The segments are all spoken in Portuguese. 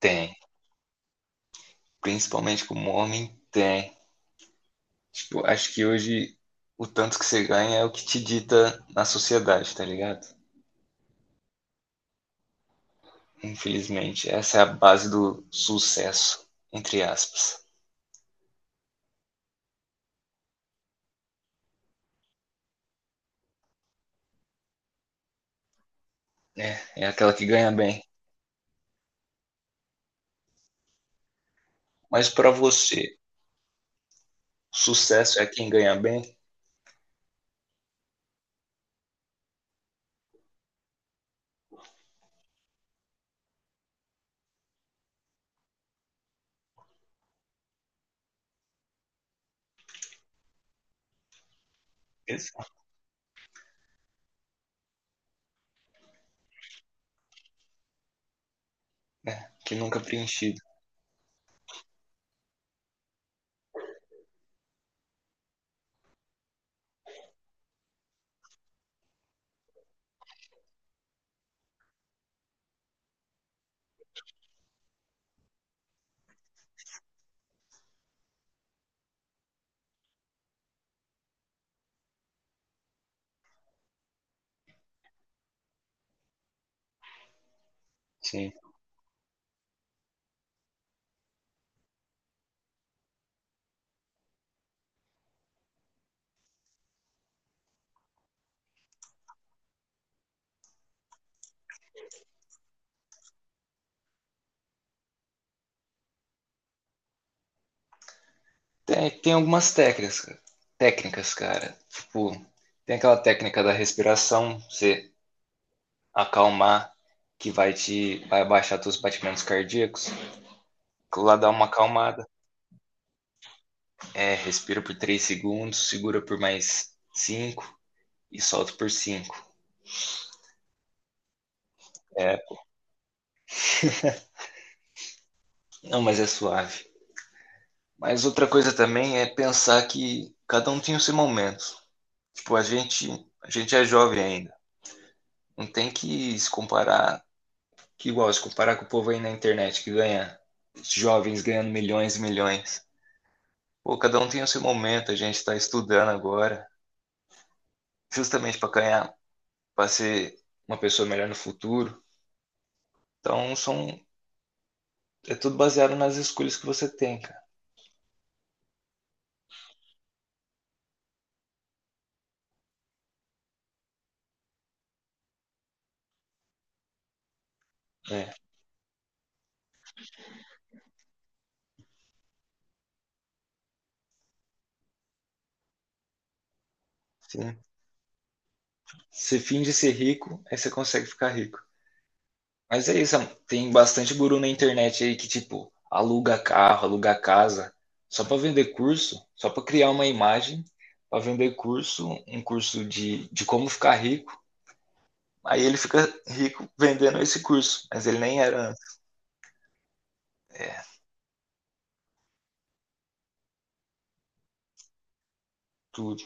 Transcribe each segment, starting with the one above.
Tem. Principalmente como homem, tem. Tipo, acho que hoje o tanto que você ganha é o que te dita na sociedade, tá ligado? Infelizmente, essa é a base do sucesso, entre aspas. É aquela que ganha bem. Mas pra você, sucesso é quem ganha bem? Isso. É, que nunca é preenchido. Sim. Tem algumas técnicas, cara. Tipo, tem aquela técnica da respiração, você acalmar, que vai te vai abaixar teus batimentos cardíacos. Aquilo lá dá uma acalmada. É, respira por 3 segundos, segura por mais 5 e solta por cinco. É, não, mas é suave. Mas outra coisa também é pensar que cada um tem o seu momento. Tipo, a gente é jovem ainda. Não tem que se comparar, que igual se comparar com o povo aí na internet que ganha jovens ganhando milhões e milhões. Pô, cada um tem o seu momento, a gente está estudando agora, justamente para ganhar, para ser uma pessoa melhor no futuro. Então, é tudo baseado nas escolhas que você tem, cara. É, sim. Você finge ser rico, aí você consegue ficar rico. Mas é isso, tem bastante guru na internet aí que, tipo, aluga carro, aluga casa, só para vender curso, só para criar uma imagem, para vender curso, um curso de como ficar rico. Aí ele fica rico vendendo esse curso, mas ele nem era antes. É, tudo.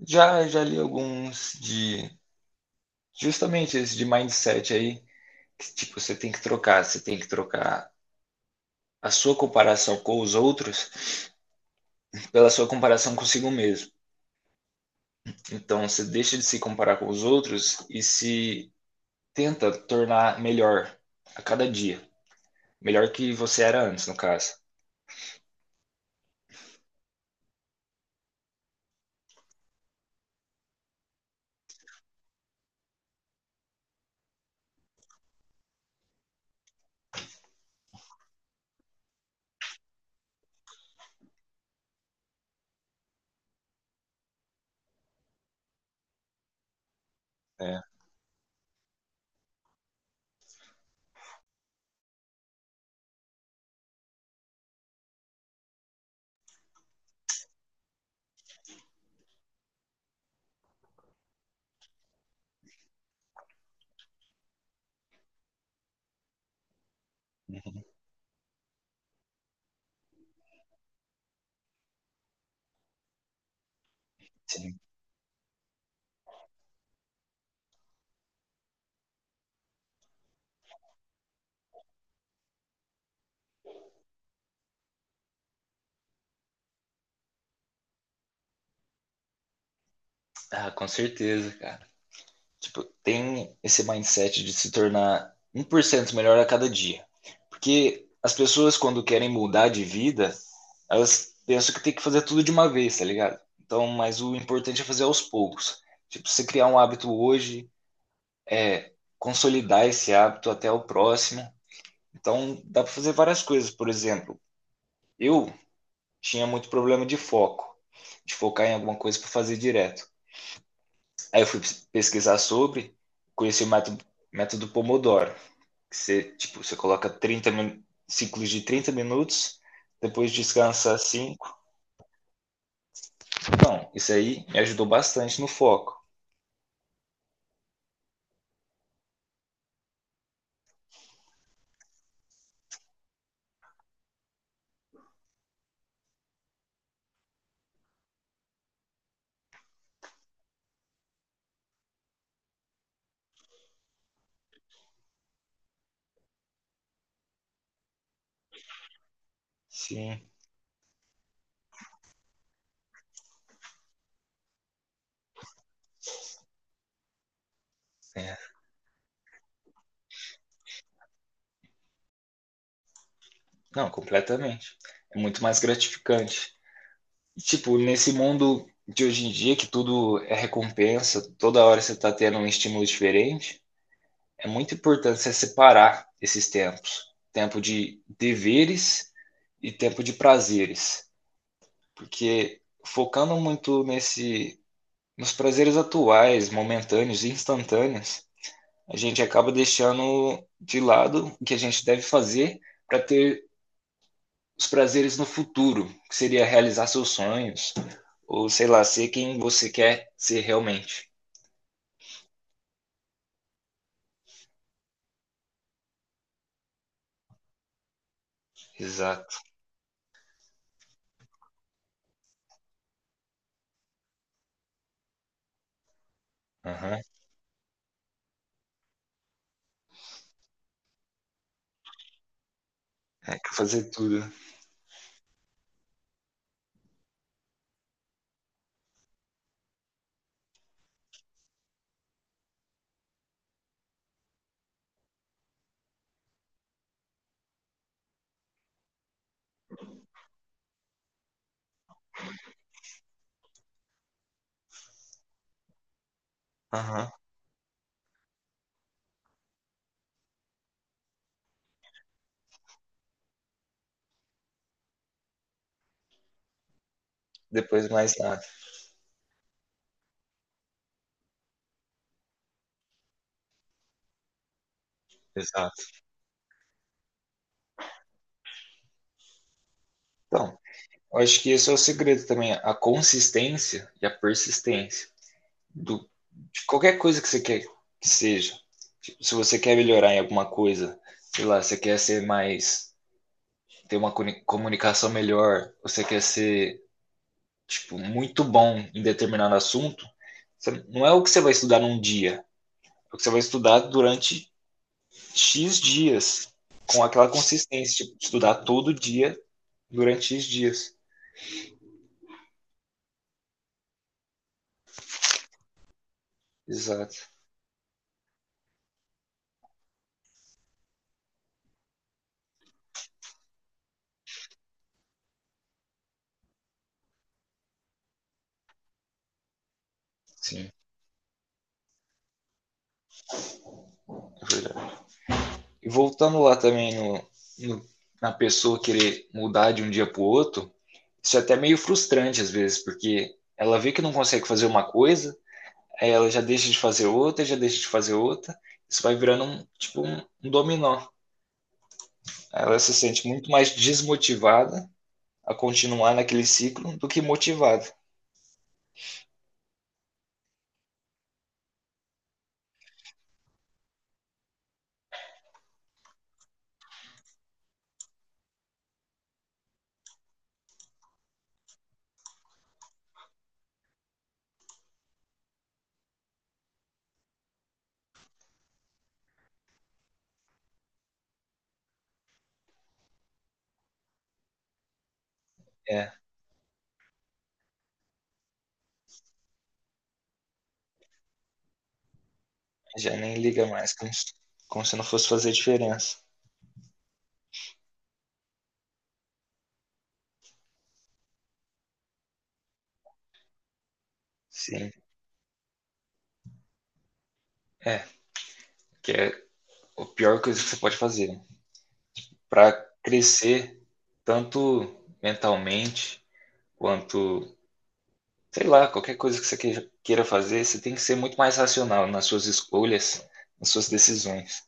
Já, já li alguns de. Justamente esse de mindset aí, que, tipo, você tem que trocar a sua comparação com os outros pela sua comparação consigo mesmo. Então, você deixa de se comparar com os outros e se tenta tornar melhor a cada dia. Melhor que você era antes, no caso. É, sim. Ah, com certeza, cara. Tipo, tem esse mindset de se tornar 1% melhor a cada dia. Porque as pessoas, quando querem mudar de vida, elas pensam que tem que fazer tudo de uma vez, tá ligado? Então, mas o importante é fazer aos poucos. Tipo, você criar um hábito hoje, é consolidar esse hábito até o próximo. Então, dá para fazer várias coisas. Por exemplo, eu tinha muito problema de foco, de focar em alguma coisa para fazer direto. Aí eu fui pesquisar sobre, conheci o método Pomodoro, que você, tipo, você coloca 30 ciclos de 30 minutos, depois descansa 5. Então, isso aí me ajudou bastante no foco. Sim, é. Não, completamente. É muito mais gratificante. E, tipo, nesse mundo de hoje em dia, que tudo é recompensa, toda hora você tá tendo um estímulo diferente, é muito importante você separar esses tempos. Tempo de deveres e tempo de prazeres. Porque focando muito nesse, nos prazeres atuais, momentâneos e instantâneos, a gente acaba deixando de lado o que a gente deve fazer para ter os prazeres no futuro, que seria realizar seus sonhos, ou sei lá, ser quem você quer ser realmente. Exato. Aham. É que fazer tudo. Aham. Depois mais nada. Exato. Então, eu acho que esse é o segredo também, a consistência e a persistência do, de qualquer coisa que você quer que seja. Tipo, se você quer melhorar em alguma coisa, sei lá, você quer ser mais, ter uma comunicação melhor, você quer ser, tipo, muito bom em determinado assunto, você- não é o que você vai estudar num dia, é o que você vai estudar durante X dias, com aquela consistência, tipo, estudar todo dia durante X dias. Exato, sim, é verdade. E voltando lá também no- na pessoa querer mudar de um dia pro outro, isso é até meio frustrante às vezes, porque ela vê que não consegue fazer uma coisa, aí ela já deixa de fazer outra, já deixa de fazer outra, isso vai virando um, tipo, um dominó. Ela se sente muito mais desmotivada a continuar naquele ciclo do que motivada. É, já nem liga mais, como se não fosse fazer diferença. Sim, é, que é o pior coisa que você pode fazer. Para crescer, tanto mentalmente, quanto, sei lá, qualquer coisa que você queira fazer, você tem que ser muito mais racional nas suas escolhas, nas suas decisões.